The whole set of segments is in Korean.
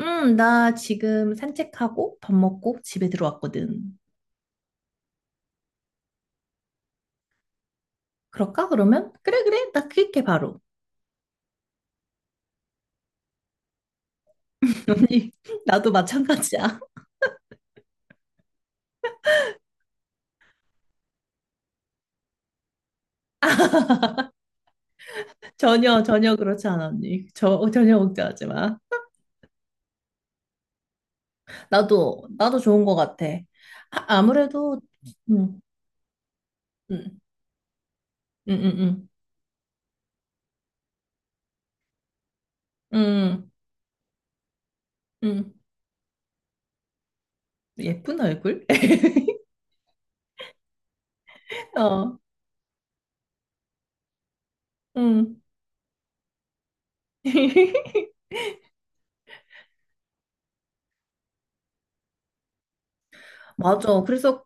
나 지금 산책하고 밥 먹고 집에 들어왔거든. 그럴까, 그러면? 그래, 그래. 나 그렇게 바로. 언니, 나도 마찬가지야. 전혀 그렇지 않아, 언니. 전혀 걱정하지 마. 나도 좋은 것 같아. 아, 아무래도, 음, 음, 음, 음, 음, 음, 음. 예쁜 얼굴? 어, 음. 맞아. 그래서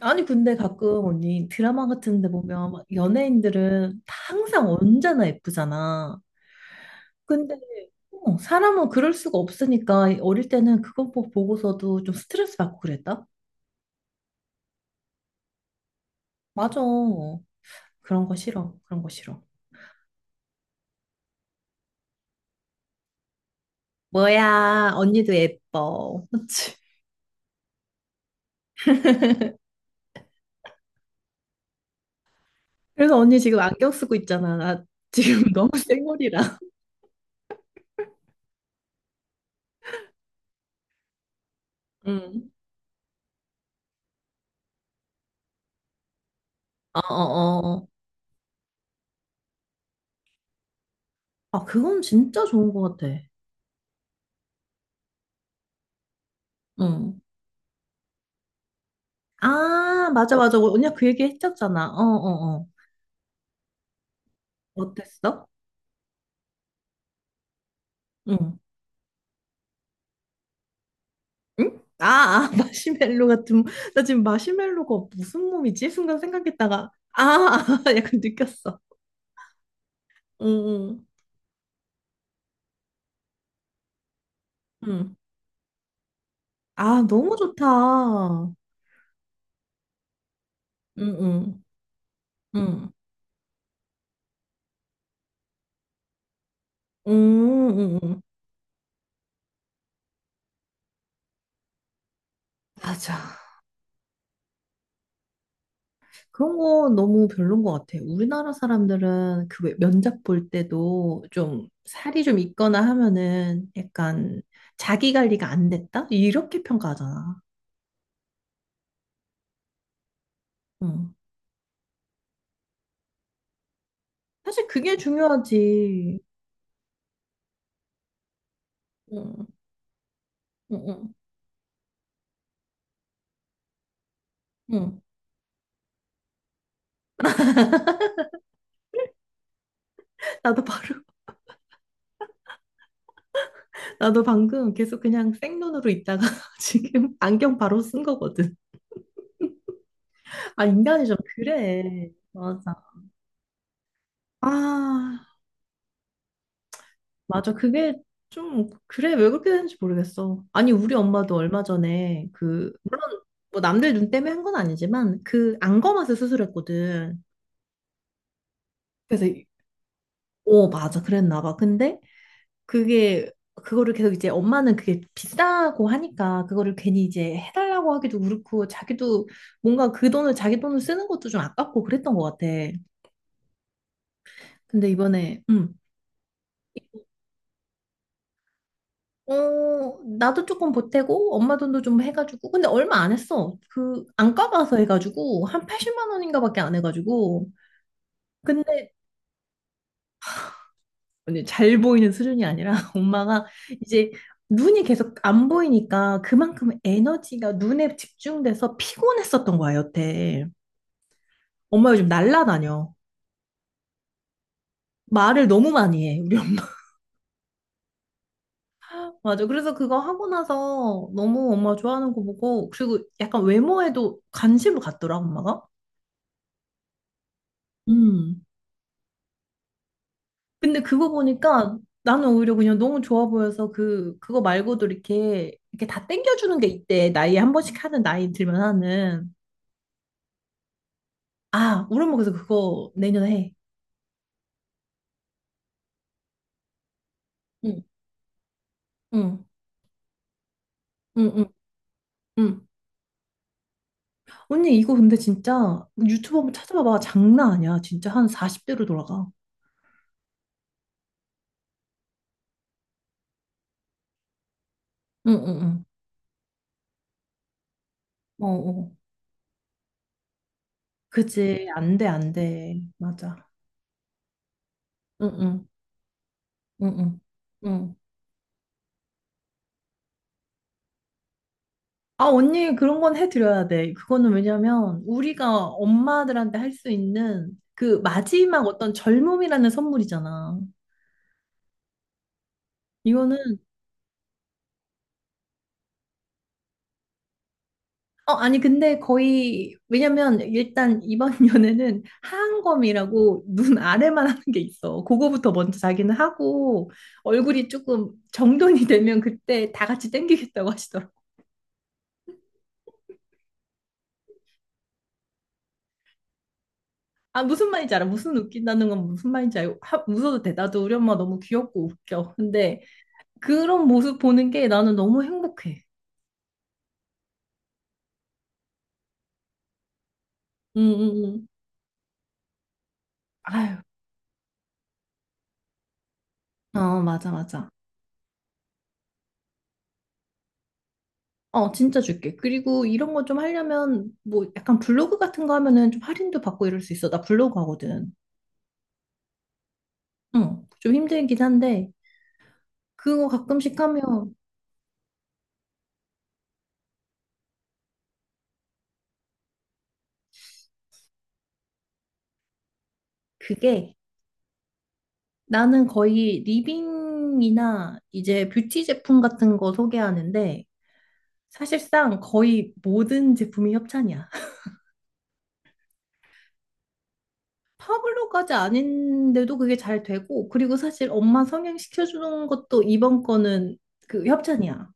아니 근데 가끔 언니 드라마 같은 데 보면 막 연예인들은 다 항상 언제나 예쁘잖아. 근데 사람은 그럴 수가 없으니까 어릴 때는 그거 보고서도 좀 스트레스 받고 그랬다? 맞아. 그런 거 싫어. 그런 거 싫어. 뭐야, 언니도 예뻐. 그치? 그래서 언니 지금 안경 쓰고 있잖아. 나 지금 너무 쌩얼이라. 응. 어어어. 아, 그건 진짜 좋은 것 같아. 응. 아, 맞아, 맞아. 언니가 그 얘기 했었잖아. 어, 어, 어. 어땠어? 응. 응? 아, 아, 마시멜로 같은. 나 지금 마시멜로가 무슨 몸이지? 순간 생각했다가. 아, 아, 약간 느꼈어. 응, 응. 응. 아, 너무 좋다. 응, 응. 응. 응, 응, 응. 맞아. 그런 거 너무 별론 것 같아. 우리나라 사람들은 그 왜 면접 볼 때도 좀 살이 좀 있거나 하면은 약간 자기 관리가 안 됐다? 이렇게 평가하잖아. 응. 사실 그게 중요하지. 응, 응, 응. 응. 나도 바로, 나도 방금 계속 그냥 생눈으로 있다가 지금 안경 바로 쓴 거거든. 아, 인간이 좀 그래. 맞아. 아, 맞아. 그게 좀, 그래, 왜 그렇게 되는지 모르겠어. 아니, 우리 엄마도 얼마 전에 그, 물론 뭐 남들 눈 때문에 한 건 아니지만 그 안검하수 수술했거든. 그래서 오, 맞아. 그랬나 봐. 근데 그거를 계속 이제 엄마는 그게 비싸고 하니까 그거를 괜히 이제 해달라고 하기도 그렇고 자기도 뭔가 그 돈을 자기 돈을 쓰는 것도 좀 아깝고 그랬던 것 같아. 근데 이번에, 나도 조금 보태고 엄마 돈도 좀 해가지고 근데 얼마 안 했어 그 안과 가서 해가지고 한 80만 원인가 밖에 안 해가지고 근데 아니, 잘 보이는 수준이 아니라 엄마가 이제 눈이 계속 안 보이니까 그만큼 에너지가 눈에 집중돼서 피곤했었던 거야 여태 엄마 요즘 날라다녀 말을 너무 많이 해 우리 엄마 맞아 그래서 그거 하고 나서 너무 엄마 좋아하는 거 보고 그리고 약간 외모에도 관심을 갖더라 엄마가 음 근데 그거 보니까 나는 오히려 그냥 너무 좋아 보여서 그거 말고도 이렇게, 이렇게 다 땡겨주는 게 있대. 나이에 한 번씩 하는, 나이 들면 하는. 아, 우리 엄마 그래서 그거 내년에 해. 응. 응, 응, 응, 응. 언니, 이거 근데 진짜 유튜브 한번 찾아봐봐. 장난 아니야. 진짜 한 40대로 돌아가. 응, 응, 응. 어, 어. 그치. 안 돼, 안 돼. 맞아. 응, 응, 응, 응. 응. 아, 언니, 그런 건 해드려야 돼. 그거는 왜냐면, 우리가 엄마들한테 할 수 있는 그 마지막 어떤 젊음이라는 선물이잖아. 이거는, 아니, 근데 거의, 왜냐면, 일단 이번 연애는 하안검이라고 눈 아래만 하는 게 있어. 그거부터 먼저 자기는 하고, 얼굴이 조금 정돈이 되면 그때 다 같이 땡기겠다고 하시더라고. 아, 무슨 말인지 알아. 무슨 웃긴다는 건 무슨 말인지 알고, 하, 웃어도 돼. 나도 우리 엄마 너무 귀엽고 웃겨. 근데, 그런 모습 보는 게 나는 너무 행복해. 응, 응, 응. 아유, 어, 맞아, 맞아. 어, 진짜 줄게. 그리고 이런 거 좀 하려면, 뭐, 약간 블로그 같은 거 하면은 좀 할인도 받고 이럴 수 있어. 나 블로그 하거든. 응, 좀 힘들긴 한데, 그거 가끔씩 하면, 그게 나는 거의 리빙이나 이제 뷰티 제품 같은 거 소개하는데, 사실상 거의 모든 제품이 협찬이야. 파블로까지 아닌데도 그게 잘 되고, 그리고 사실 엄마 성형시켜주는 것도 이번 거는 그 협찬이야.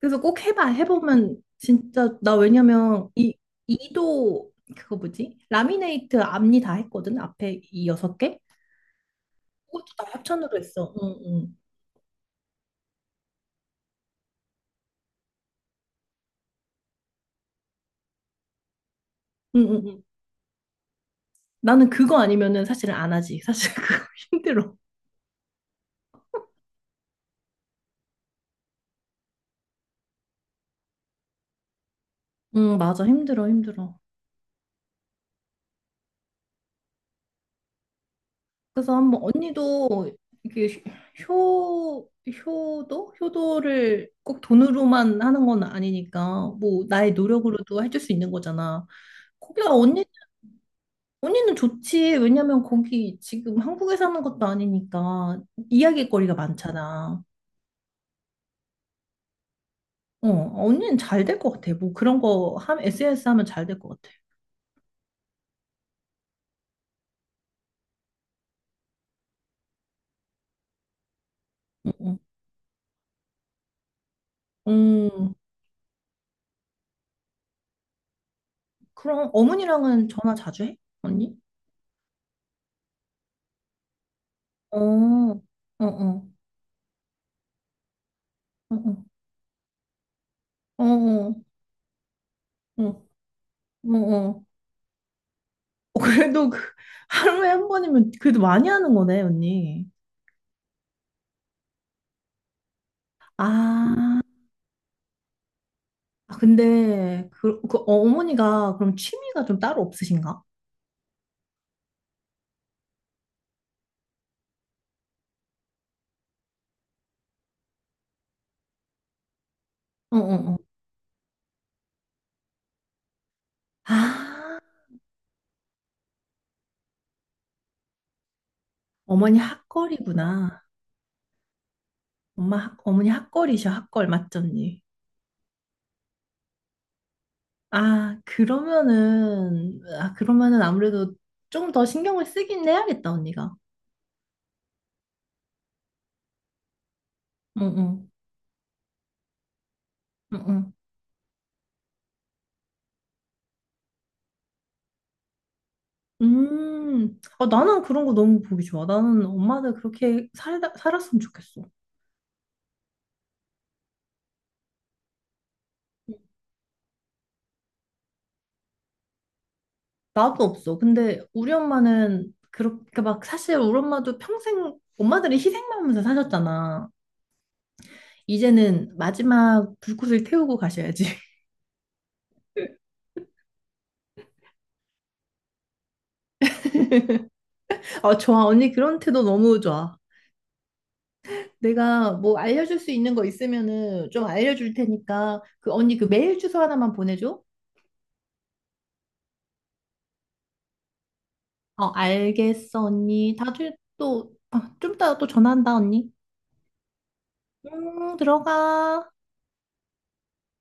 그래서 꼭 해봐. 해보면 진짜, 나 왜냐면 이도 그거 뭐지? 라미네이트 앞니 다 했거든. 앞에 이 여섯 개? 그것도 다 협찬으로 했어. 응, 응. 응, 응, 응. 응. 나는 그거 아니면은 사실은 안 하지. 사실 그거 힘들어. 응, 맞아. 힘들어, 힘들어. 그래서 한번 언니도 이게 효도? 효도를 꼭 돈으로만 하는 건 아니니까 뭐 나의 노력으로도 해줄 수 있는 거잖아. 거기가 언니, 언니는 좋지. 왜냐면 거기 지금 한국에 사는 것도 아니니까 이야기거리가 많잖아. 어, 언니는 잘 될 것 같아. 뭐 그런 거 SNS 하면 잘 될 것 같아. 응, 응. 음, 그럼 어머니랑은 전화 자주 해? 언니? 어, 어, 어, 어, 어, 어. 어. 어. 어, 어. 어, 그래도 그, 하루에 한 번이면 그래도 많이 하는 거네, 언니. 아, 아, 근데 그 어머니가 그럼 취미가 좀 따로 없으신가? 어, 어, 어. 아, 어머니 핫걸이구나. 어머니 핫걸이셔, 핫걸, 맞죠, 언니? 아, 그러면은 아무래도 좀 더 신경을 쓰긴 해야겠다, 언니가. 응, 응, 응, 응. 아, 나는 그런 거 너무 보기 좋아. 나는 엄마들 그렇게 살았으면 좋겠어. 나도 없어. 근데 우리 엄마는 그렇게 막 사실 우리 엄마도 평생 엄마들이 희생하면서 사셨잖아. 이제는 마지막 불꽃을 태우고 가셔야지. 아, 좋아. 언니 그런 태도 너무 좋아. 내가 뭐 알려줄 수 있는 거 있으면은 좀 알려줄 테니까 그 언니 그 메일 주소 하나만 보내줘. 어, 알겠어, 언니. 다들 또, 아, 좀 이따 또 전화한다, 언니. 응, 들어가.